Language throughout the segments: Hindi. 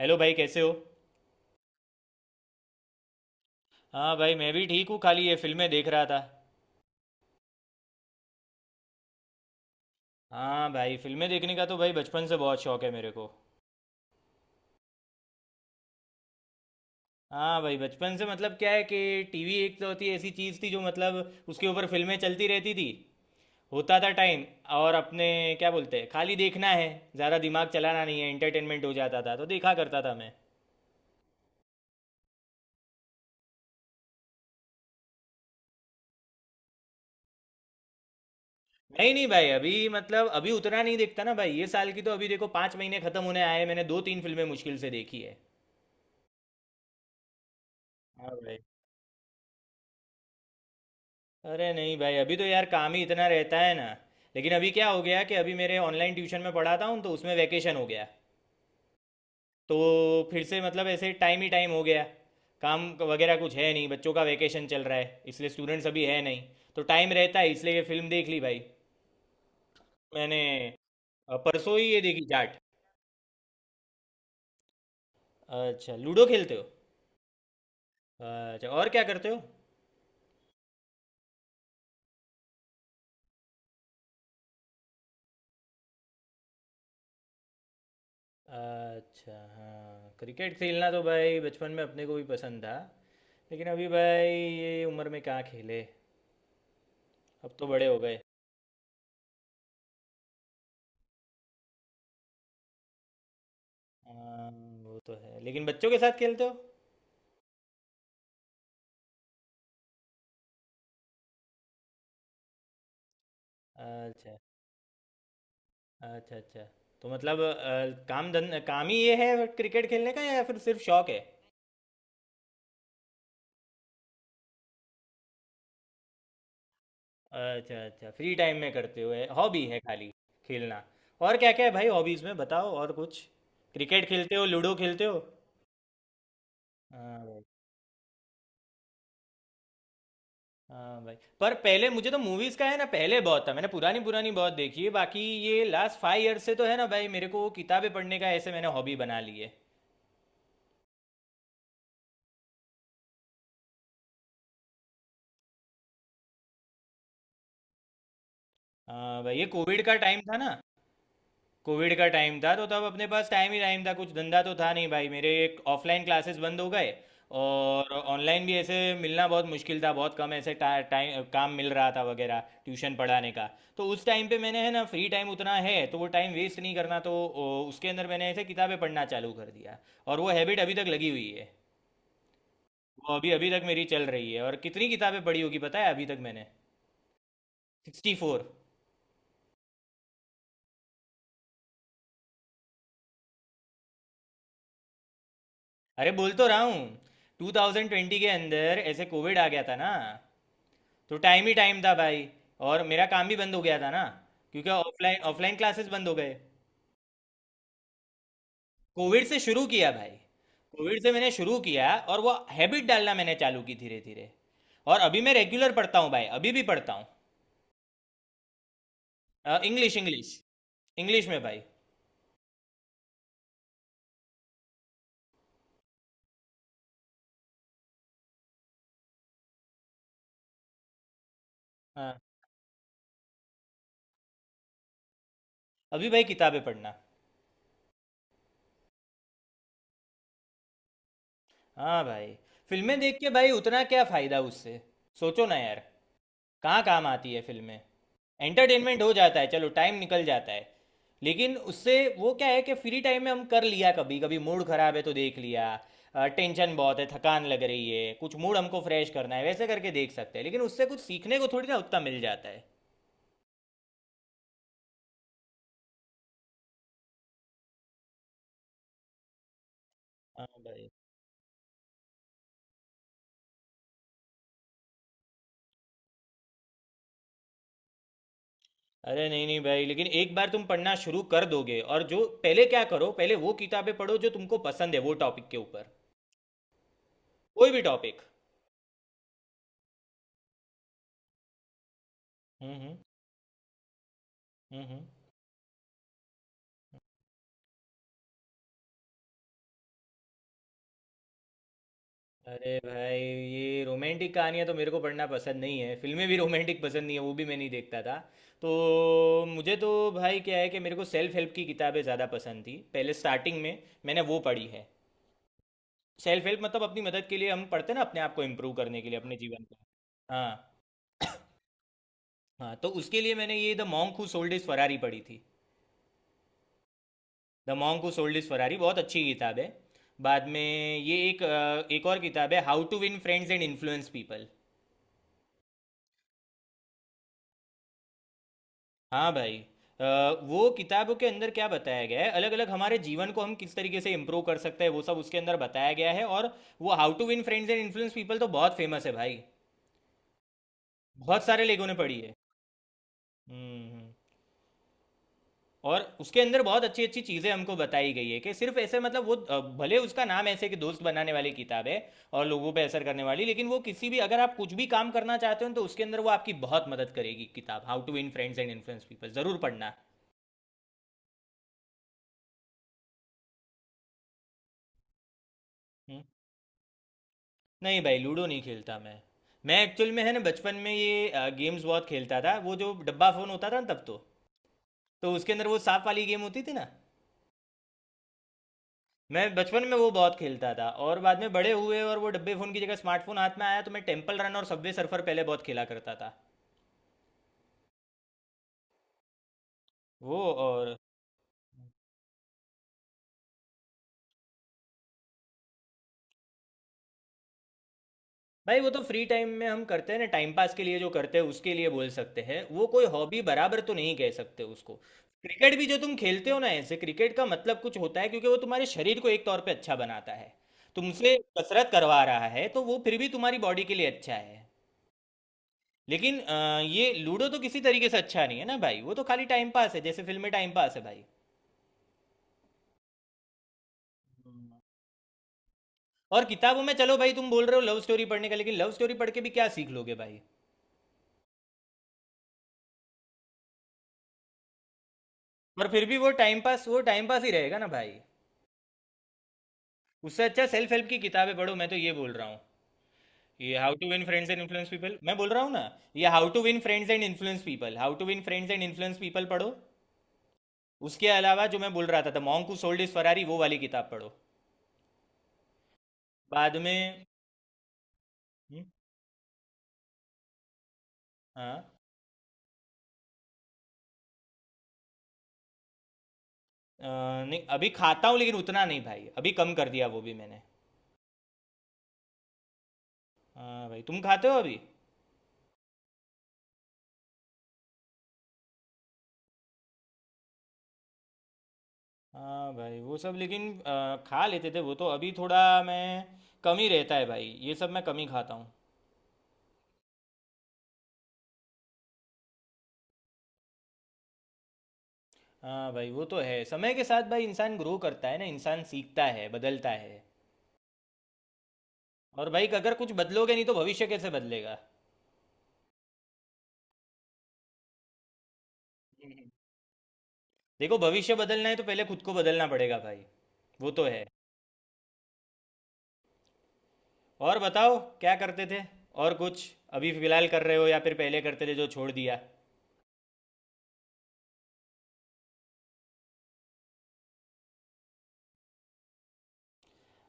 हेलो भाई कैसे हो। हाँ भाई मैं भी ठीक हूँ, खाली ये फिल्में देख रहा था। हाँ भाई फिल्में देखने का तो भाई बचपन से बहुत शौक है मेरे को। हाँ भाई बचपन से, मतलब क्या है कि टीवी एक तो होती ऐसी चीज़ थी जो, मतलब उसके ऊपर फिल्में चलती रहती थी। होता था टाइम, और अपने क्या बोलते हैं, खाली देखना है, ज़्यादा दिमाग चलाना नहीं है, एंटरटेनमेंट हो जाता था तो देखा करता था मैं। नहीं नहीं भाई, अभी मतलब अभी उतना नहीं देखता ना भाई, ये साल की तो अभी देखो 5 महीने खत्म होने आए, मैंने दो तीन फिल्में मुश्किल से देखी है। हाँ भाई। अरे नहीं भाई, अभी तो यार काम ही इतना रहता है ना। लेकिन अभी क्या हो गया कि अभी मेरे ऑनलाइन ट्यूशन में पढ़ाता हूँ तो उसमें वैकेशन हो गया। तो फिर से मतलब ऐसे टाइम ही टाइम हो गया। काम वगैरह कुछ है नहीं, बच्चों का वैकेशन चल रहा है इसलिए स्टूडेंट्स अभी है नहीं। तो टाइम रहता है इसलिए ये फिल्म देख ली भाई। मैंने परसों ही ये देखी जाट। अच्छा लूडो खेलते हो। अच्छा और क्या करते हो। अच्छा हाँ, क्रिकेट खेलना तो भाई बचपन में अपने को भी पसंद था। लेकिन अभी भाई ये उम्र में कहाँ खेले, अब तो बड़े हो गए। हाँ, वो तो है लेकिन बच्चों के साथ खेलते हो। अच्छा। अच्छा। अच्छा तो मतलब काम धन काम ही ये है क्रिकेट खेलने का या फिर सिर्फ शौक है। अच्छा अच्छा, फ्री टाइम में करते हुए हॉबी है, खाली खेलना। और क्या क्या है भाई हॉबीज में बताओ और कुछ। क्रिकेट खेलते हो, लूडो खेलते हो। हाँ भाई। हाँ भाई, पर पहले मुझे तो मूवीज का है ना, पहले बहुत था, मैंने पुरानी पुरानी बहुत देखी है। बाकी ये लास्ट 5 ईयर से तो है ना भाई, मेरे को वो किताबें पढ़ने का ऐसे मैंने हॉबी बना ली है। हाँ भाई, ये कोविड का टाइम था ना। कोविड का टाइम था तो तब अपने पास टाइम ही टाइम था, कुछ धंधा तो था नहीं भाई, मेरे एक ऑफलाइन क्लासेस बंद हो गए। और ऑनलाइन भी ऐसे मिलना बहुत मुश्किल था, बहुत कम ऐसे टाइम काम मिल रहा था वगैरह, ट्यूशन पढ़ाने का। तो उस टाइम पे मैंने, है ना, फ्री टाइम उतना है तो वो टाइम वेस्ट नहीं करना, तो उसके अंदर मैंने ऐसे किताबें पढ़ना चालू कर दिया। और वो हैबिट अभी तक लगी हुई है। वो अभी अभी तक मेरी चल रही है और कितनी किताबें पढ़ी होगी पता है अभी तक मैंने। 64। अरे बोल तो रहा हूँ। 2020 के अंदर ऐसे कोविड आ गया था ना। तो टाइम ही टाइम था भाई। और मेरा काम भी बंद हो गया था ना, क्योंकि ऑफलाइन ऑफलाइन क्लासेस बंद हो गए। कोविड से शुरू किया भाई। कोविड से मैंने शुरू किया और वो हैबिट डालना मैंने चालू की धीरे धीरे। और अभी मैं रेगुलर पढ़ता हूँ भाई, अभी भी पढ़ता हूँ। इंग्लिश, इंग्लिश, इंग्लिश में भाई। हाँ। अभी भाई किताबें पढ़ना। हाँ भाई। फिल्में देख के भाई उतना क्या फ़ायदा उससे। सोचो ना यार, कहाँ काम आती है फिल्में। एंटरटेनमेंट हो जाता है, चलो टाइम निकल जाता है। लेकिन उससे वो क्या है कि फ्री टाइम में हम कर लिया, कभी कभी मूड खराब है तो देख लिया, टेंशन बहुत है, थकान लग रही है, कुछ मूड हमको फ्रेश करना है, वैसे करके देख सकते हैं, लेकिन उससे कुछ सीखने को थोड़ी ना उतना मिल जाता है। हाँ भाई। अरे नहीं नहीं भाई, लेकिन एक बार तुम पढ़ना शुरू कर दोगे, और जो पहले क्या करो, पहले वो किताबें पढ़ो जो तुमको पसंद है, वो टॉपिक के ऊपर, कोई भी टॉपिक। हम्म। हम्म हम्म। अरे भाई ये रोमांटिक कहानियाँ तो मेरे को पढ़ना पसंद नहीं है, फिल्में भी रोमांटिक पसंद नहीं है, वो भी मैं नहीं देखता था। तो मुझे तो भाई क्या है कि मेरे को सेल्फ हेल्प की किताबें ज़्यादा पसंद थी, पहले स्टार्टिंग में मैंने वो पढ़ी है। सेल्फ हेल्प मतलब अपनी मदद के लिए हम पढ़ते हैं ना, अपने आप को इम्प्रूव करने के लिए, अपने जीवन को। हाँ। हाँ तो उसके लिए मैंने ये the monk who sold his Ferrari पढ़ी थी। The monk who sold his Ferrari बहुत अच्छी किताब है। बाद में ये एक एक और किताब है, how to win friends and influence people. हाँ भाई। अ, वो किताबों के अंदर क्या बताया गया है, अलग अलग हमारे जीवन को हम किस तरीके से इम्प्रूव कर सकते हैं, वो सब उसके अंदर बताया गया है। और वो how to win friends and influence people तो बहुत फेमस है भाई, बहुत सारे लोगों ने पढ़ी है। हम्म हम्म। और उसके अंदर बहुत अच्छी अच्छी चीज़ें हमको बताई गई है कि सिर्फ ऐसे, मतलब वो भले उसका नाम ऐसे कि दोस्त बनाने वाली किताब है और लोगों पे असर करने वाली, लेकिन वो किसी भी, अगर आप कुछ भी काम करना चाहते हो तो उसके अंदर वो आपकी बहुत मदद करेगी किताब, how to win friends and influence people ज़रूर पढ़ना। हम्म। नहीं भाई लूडो नहीं खेलता मैं। मैं एक्चुअल में है ना बचपन में ये गेम्स बहुत खेलता था, वो जो डब्बा फ़ोन होता था ना तब, तो उसके अंदर वो सांप वाली गेम होती थी ना। मैं बचपन में वो बहुत खेलता था, और बाद में बड़े हुए और वो डब्बे फ़ोन की जगह स्मार्टफोन हाथ में आया तो मैं टेम्पल रन और सबवे सर्फर पहले बहुत खेला करता था। वो और भाई वो तो फ्री टाइम में हम करते हैं ना, टाइम पास के लिए जो करते हैं उसके लिए बोल सकते हैं, वो कोई हॉबी बराबर तो नहीं कह सकते उसको। क्रिकेट भी जो तुम खेलते हो ना, ऐसे क्रिकेट का मतलब कुछ होता है क्योंकि वो तुम्हारे शरीर को एक तौर पे अच्छा बनाता है, तुमसे कसरत करवा रहा है तो वो फिर भी तुम्हारी बॉडी के लिए अच्छा है। लेकिन ये लूडो तो किसी तरीके से अच्छा नहीं है ना भाई, वो तो खाली टाइम पास है, जैसे फिल्म में टाइम पास है भाई। और किताबों में चलो भाई, तुम बोल रहे हो लव स्टोरी पढ़ने का, लेकिन लव स्टोरी पढ़ के भी क्या सीख लोगे भाई। पर फिर भी वो टाइम पास, वो टाइम पास ही रहेगा ना भाई। उससे अच्छा सेल्फ हेल्प की किताबें पढ़ो, मैं तो ये बोल रहा हूँ। ये how to win friends and influence people मैं बोल रहा हूँ ना। ये how to win friends and influence people, how to win friends and influence people पढ़ो। उसके अलावा जो मैं बोल रहा था, the monk who sold his Ferrari, वो वाली किताब पढ़ो। बाद में। हम्म। हाँ। अ, नहीं अभी खाता हूँ, लेकिन उतना नहीं भाई, अभी कम कर दिया वो भी मैंने। हाँ भाई तुम खाते हो अभी। हाँ भाई वो सब लेकिन खा लेते थे वो तो, अभी थोड़ा मैं कम ही रहता है भाई, ये सब मैं कम ही खाता हूँ। हाँ भाई, वो तो है, समय के साथ भाई इंसान ग्रो करता है ना, इंसान सीखता है, बदलता है। और भाई अगर कुछ बदलोगे नहीं तो भविष्य कैसे बदलेगा। हम्म। देखो भविष्य बदलना है तो पहले खुद को बदलना पड़ेगा भाई। वो तो है। और बताओ क्या करते थे और कुछ, अभी फिलहाल कर रहे हो या फिर पहले करते थे जो छोड़ दिया।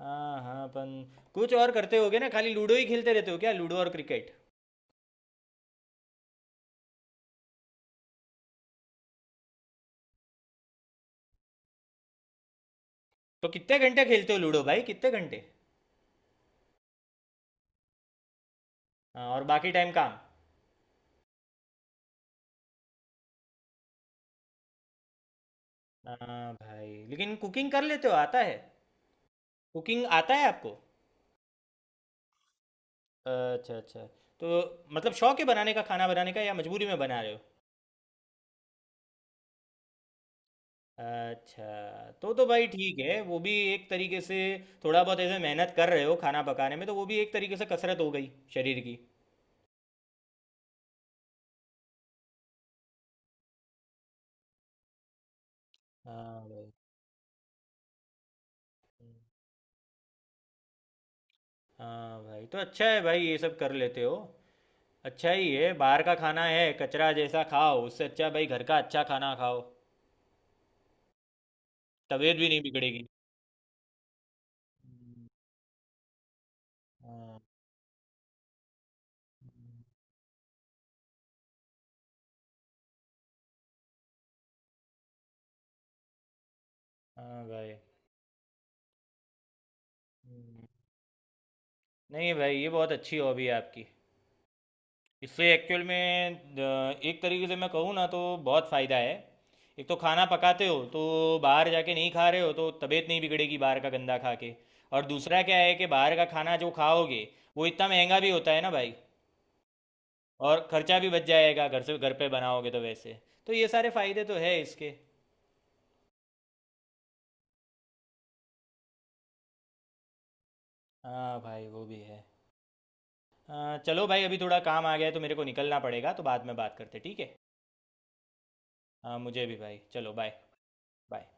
हाँ हाँ अपन। कुछ और करते होगे ना, खाली लूडो ही खेलते रहते हो क्या, लूडो और क्रिकेट। तो कितने घंटे खेलते हो लूडो भाई, कितने घंटे। हाँ और बाकी टाइम काम। हाँ भाई लेकिन कुकिंग कर लेते हो, आता है, कुकिंग आता है आपको। अच्छा अच्छा। तो मतलब शौक है बनाने का, खाना बनाने का या मजबूरी में बना रहे हो। अच्छा, तो भाई ठीक है, वो भी एक तरीके से थोड़ा बहुत ऐसे मेहनत कर रहे हो खाना पकाने में तो वो भी एक तरीके से कसरत हो गई शरीर की। हाँ भाई। हाँ भाई तो अच्छा है भाई ये सब कर लेते हो। अच्छा ही है, बाहर का खाना है कचरा जैसा, खाओ उससे अच्छा भाई घर का अच्छा खाना खाओ, तबीयत भी नहीं बिगड़ेगी। हम्म, हाँ। हम्म, हाँ भाई। हम्म। नहीं भाई ये बहुत अच्छी हॉबी है आपकी। इससे एक्चुअल में एक तरीके से मैं कहूँ ना तो बहुत फ़ायदा है। एक तो खाना पकाते हो तो बाहर जाके नहीं खा रहे हो तो तबीयत नहीं बिगड़ेगी बाहर का गंदा खा के। और दूसरा क्या है कि बाहर का खाना जो खाओगे वो इतना महंगा भी होता है ना भाई। और खर्चा भी बच जाएगा, घर से घर पे बनाओगे तो वैसे, तो ये सारे फ़ायदे तो है इसके। हाँ भाई वो भी है। हाँ, चलो भाई अभी थोड़ा काम आ गया है तो मेरे को निकलना पड़ेगा, तो बाद में बात करते, ठीक है। हाँ मुझे भी भाई, चलो बाय। बाय।